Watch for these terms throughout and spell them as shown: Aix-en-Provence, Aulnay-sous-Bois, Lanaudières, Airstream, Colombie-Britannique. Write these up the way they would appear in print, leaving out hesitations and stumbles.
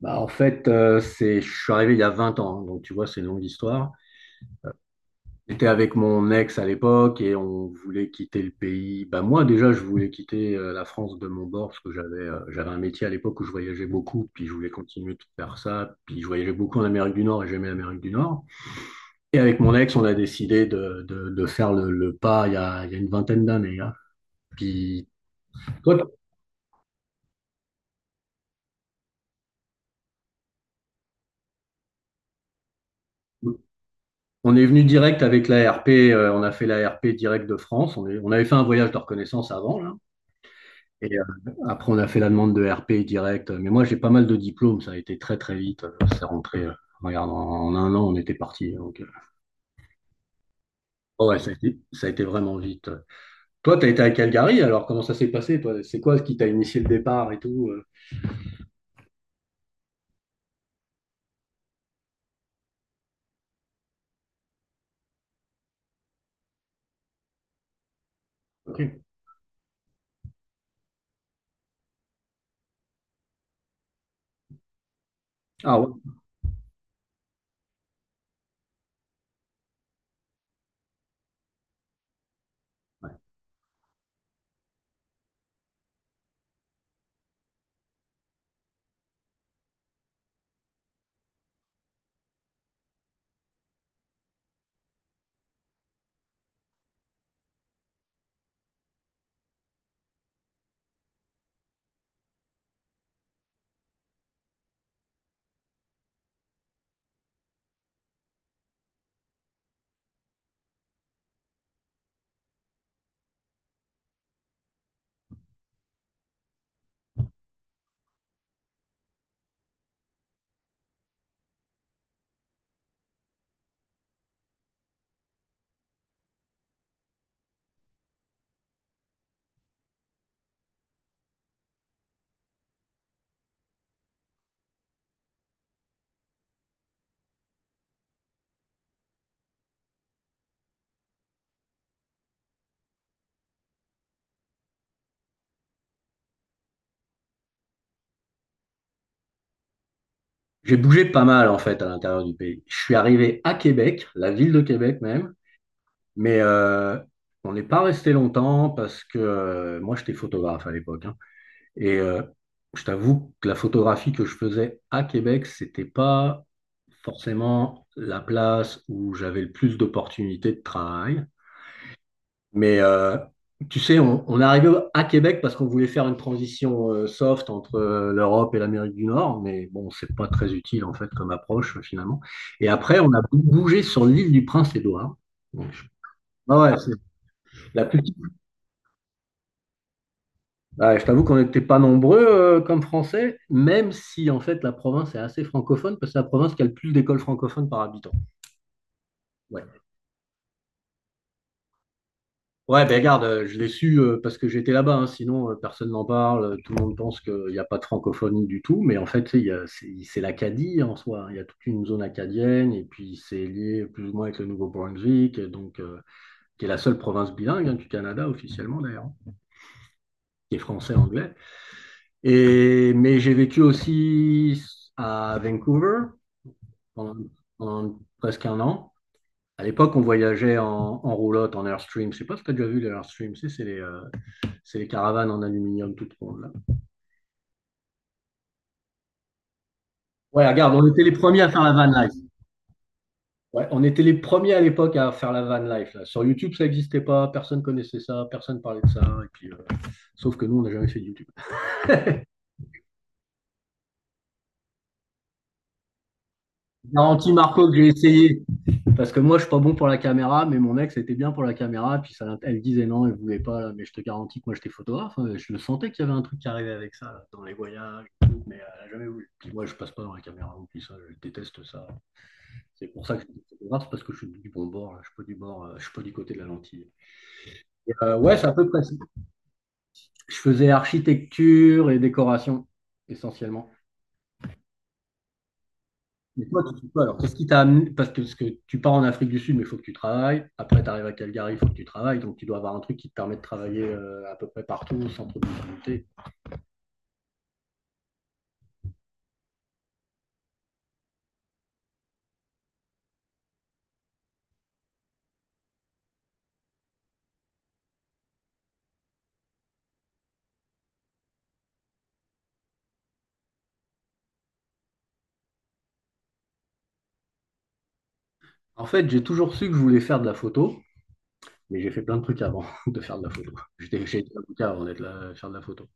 Bah, en fait, je suis arrivé il y a 20 ans, hein, donc tu vois, c'est une longue histoire. J'étais avec mon ex à l'époque et on voulait quitter le pays. Bah, moi, déjà, je voulais quitter la France de mon bord parce que j'avais un métier à l'époque où je voyageais beaucoup, puis je voulais continuer de faire ça. Puis je voyageais beaucoup en Amérique du Nord et j'aimais l'Amérique du Nord. Et avec mon ex, on a décidé de faire le pas il y a une vingtaine d'années, hein. Puis toi, on est venu direct avec l'ARP, on a fait l'ARP direct de France. On avait fait un voyage de reconnaissance avant, là. Et après, on a fait la demande de RP direct. Mais moi, j'ai pas mal de diplômes. Ça a été très, très vite. C'est rentré. Regarde, en un an, on était parti. Donc, oh ouais, ça a été vraiment vite. Toi, tu as été à Calgary. Alors, comment ça s'est passé, toi? C'est quoi ce qui t'a initié le départ et tout? Ah ouais. J'ai bougé pas mal, en fait, à l'intérieur du pays. Je suis arrivé à Québec, la ville de Québec même. Mais on n'est pas resté longtemps parce que moi, j'étais photographe à l'époque, hein. Et euh, je t'avoue que la photographie que je faisais à Québec, c'était pas forcément la place où j'avais le plus d'opportunités de travail. Mais tu sais, on est arrivé à Québec parce qu'on voulait faire une transition soft entre l'Europe et l'Amérique du Nord, mais bon, c'est pas très utile en fait comme approche finalement. Et après, on a bougé sur l'île du Prince-Édouard. Donc, je- Ah ouais, c'est la plus ah, je t'avoue qu'on n'était pas nombreux comme Français, même si en fait la province est assez francophone, parce que c'est la province qui a le plus d'écoles francophones par habitant. Ouais, ouais, ben regarde, je l'ai su parce que j'étais là-bas, hein, sinon personne n'en parle, tout le monde pense qu'il n'y a pas de francophonie du tout, mais en fait tu sais, c'est l'Acadie en soi, hein. Il y a toute une zone acadienne, et puis c'est lié plus ou moins avec le Nouveau-Brunswick, et donc qui est la seule province bilingue, hein, du Canada officiellement d'ailleurs, hein, qui est français-anglais. Et mais j'ai vécu aussi à Vancouver, pendant, pendant presque un an. À l'époque, on voyageait en roulotte, en Airstream. Je sais pas si tu as déjà vu les Airstream, c'est les caravanes en aluminium toutes rondes, là. Ouais, regarde, on était les premiers à faire la van life. Ouais, on était les premiers à l'époque à faire la van life. Là, sur YouTube, ça n'existait pas, personne connaissait ça, personne parlait de ça. Et puis, sauf que nous, on n'a jamais fait de YouTube. Je Marco, que j'ai essayé. Parce que moi, je suis pas bon pour la caméra, mais mon ex était bien pour la caméra. Puis ça, elle disait non, elle voulait pas, là. Mais je te garantis que moi, j'étais photographe, hein. Je le sentais qu'il y avait un truc qui arrivait avec ça là, dans les voyages, tout, mais elle a jamais voulu. Puis moi, je passe pas dans la caméra. Puis ça, je déteste ça. C'est pour ça que je suis photographe, parce que je suis du bon bord, là. Je suis pas du bord. Je suis pas du côté de la lentille. Ouais, c'est à peu près ça. Je faisais architecture et décoration essentiellement. Mais toi, tu fais quoi alors? Qu'est-ce qui t'a amené? Parce que tu pars en Afrique du Sud, mais il faut que tu travailles. Après, tu arrives à Calgary, il faut que tu travailles. Donc, tu dois avoir un truc qui te permet de travailler à peu près partout sans trop de difficulté. En fait, j'ai toujours su que je voulais faire de la photo, mais j'ai fait plein de trucs avant de faire de la photo. Chez été avocat avant d'être là, faire de la photo.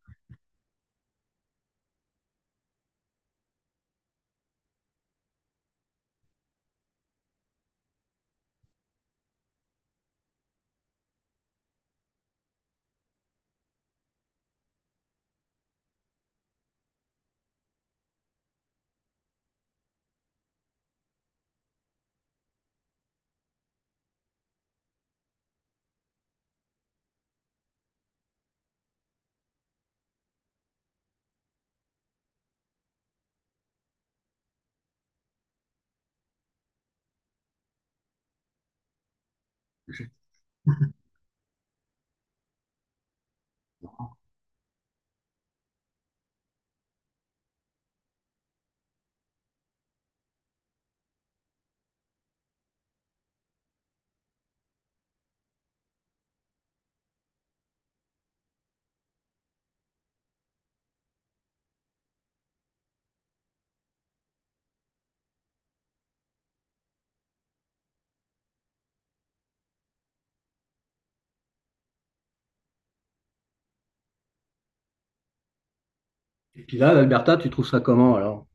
Et puis là, l'Alberta, tu trouves ça comment alors?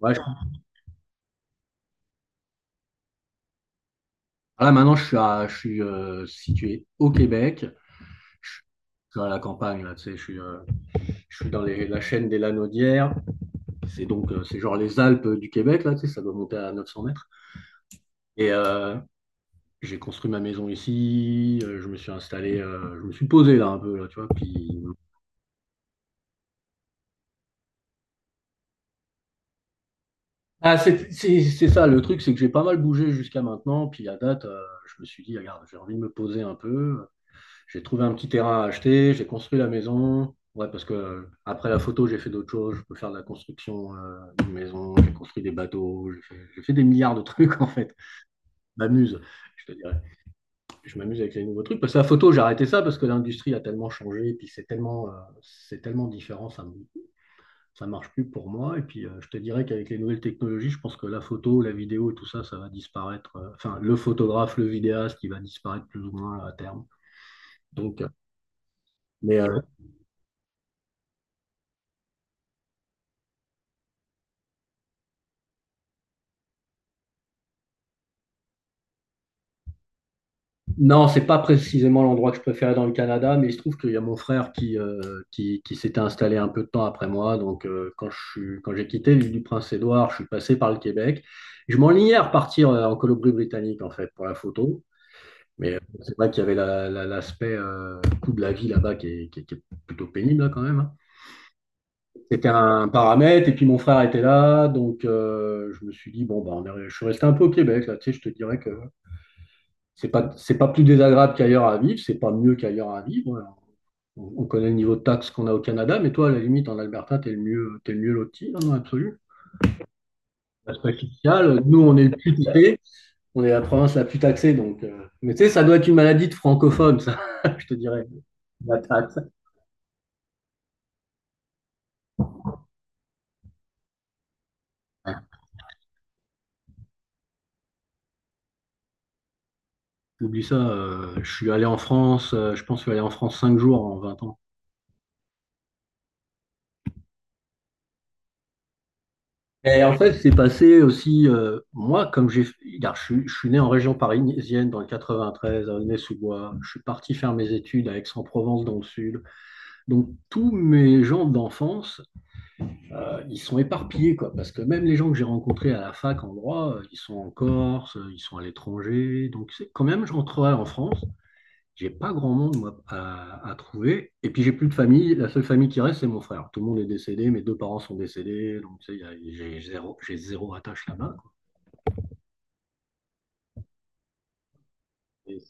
Ouais, là, maintenant, je suis situé au Québec. Je suis à la campagne, là, tu sais, je suis dans la chaîne des Lanaudières. C'est donc, c'est genre les Alpes du Québec, là, tu sais, ça doit monter à 900 mètres. Et j'ai construit ma maison ici, je me suis installé, je me suis posé là un peu, là, tu vois. Puis... ah, c'est ça, le truc, c'est que j'ai pas mal bougé jusqu'à maintenant. Puis à date, je me suis dit, regarde, j'ai envie de me poser un peu. J'ai trouvé un petit terrain à acheter, j'ai construit la maison. Ouais, parce que après la photo, j'ai fait d'autres choses. Je peux faire de la construction d'une maison, j'ai construit des bateaux, j'ai fait des milliards de trucs en fait. Je m'amuse, je te dirais. Je m'amuse avec les nouveaux trucs. Parce que la photo, j'ai arrêté ça parce que l'industrie a tellement changé, et puis c'est tellement différent, ça ne marche plus pour moi. Et puis je te dirais qu'avec les nouvelles technologies, je pense que la photo, la vidéo, tout ça, ça va disparaître. Enfin, le photographe, le vidéaste, il va disparaître plus ou moins à terme. Donc, euh, mais euh, Non, c'est pas précisément l'endroit que je préférais dans le Canada, mais il se trouve qu'il y a mon frère qui s'était installé un peu de temps après moi. Donc, quand j'ai quitté l'île du Prince-Édouard, je suis passé par le Québec. Je m'enlignais à repartir en Colombie-Britannique, en fait, pour la photo. Mais c'est vrai qu'il y avait l'aspect coût de la vie là-bas qui est, qui est plutôt pénible, là, quand même, hein. C'était un paramètre, et puis mon frère était là. Donc, je me suis dit, bon, bah, je suis resté un peu au Québec, là. Tu sais, je te dirais que c'est pas plus désagréable qu'ailleurs à vivre, c'est pas mieux qu'ailleurs à vivre, voilà. On connaît le niveau de taxes qu'on a au Canada, mais toi, à la limite, en Alberta, t'es le mieux loti, non, non, absolu. Taxe fiscale, nous, on est le plus taxé, on est la province la plus taxée, donc. Mais tu sais, ça doit être une maladie de francophone, ça, je te dirais, la taxe. Oublie ça, je suis allé en France, je pense que je suis allé en France 5 jours en 20 ans. Et en fait, c'est passé aussi, moi, comme regarde, je suis né en région parisienne dans le 93, à Aulnay-sous-Bois. Je suis parti faire mes études à Aix-en-Provence dans le sud. Donc, tous mes gens d'enfance, ils sont éparpillés, quoi, parce que même les gens que j'ai rencontrés à la fac en droit, ils sont en Corse, ils sont à l'étranger. Donc, quand même, je rentrerai en France, j'ai pas grand monde moi à trouver. Et puis j'ai plus de famille. La seule famille qui reste, c'est mon frère. Tout le monde est décédé. Mes deux parents sont décédés. Donc tu sais, j'ai zéro attache là-bas, quoi. Et-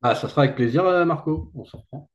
Ah, ça sera avec plaisir, Marco. On s'en reprend.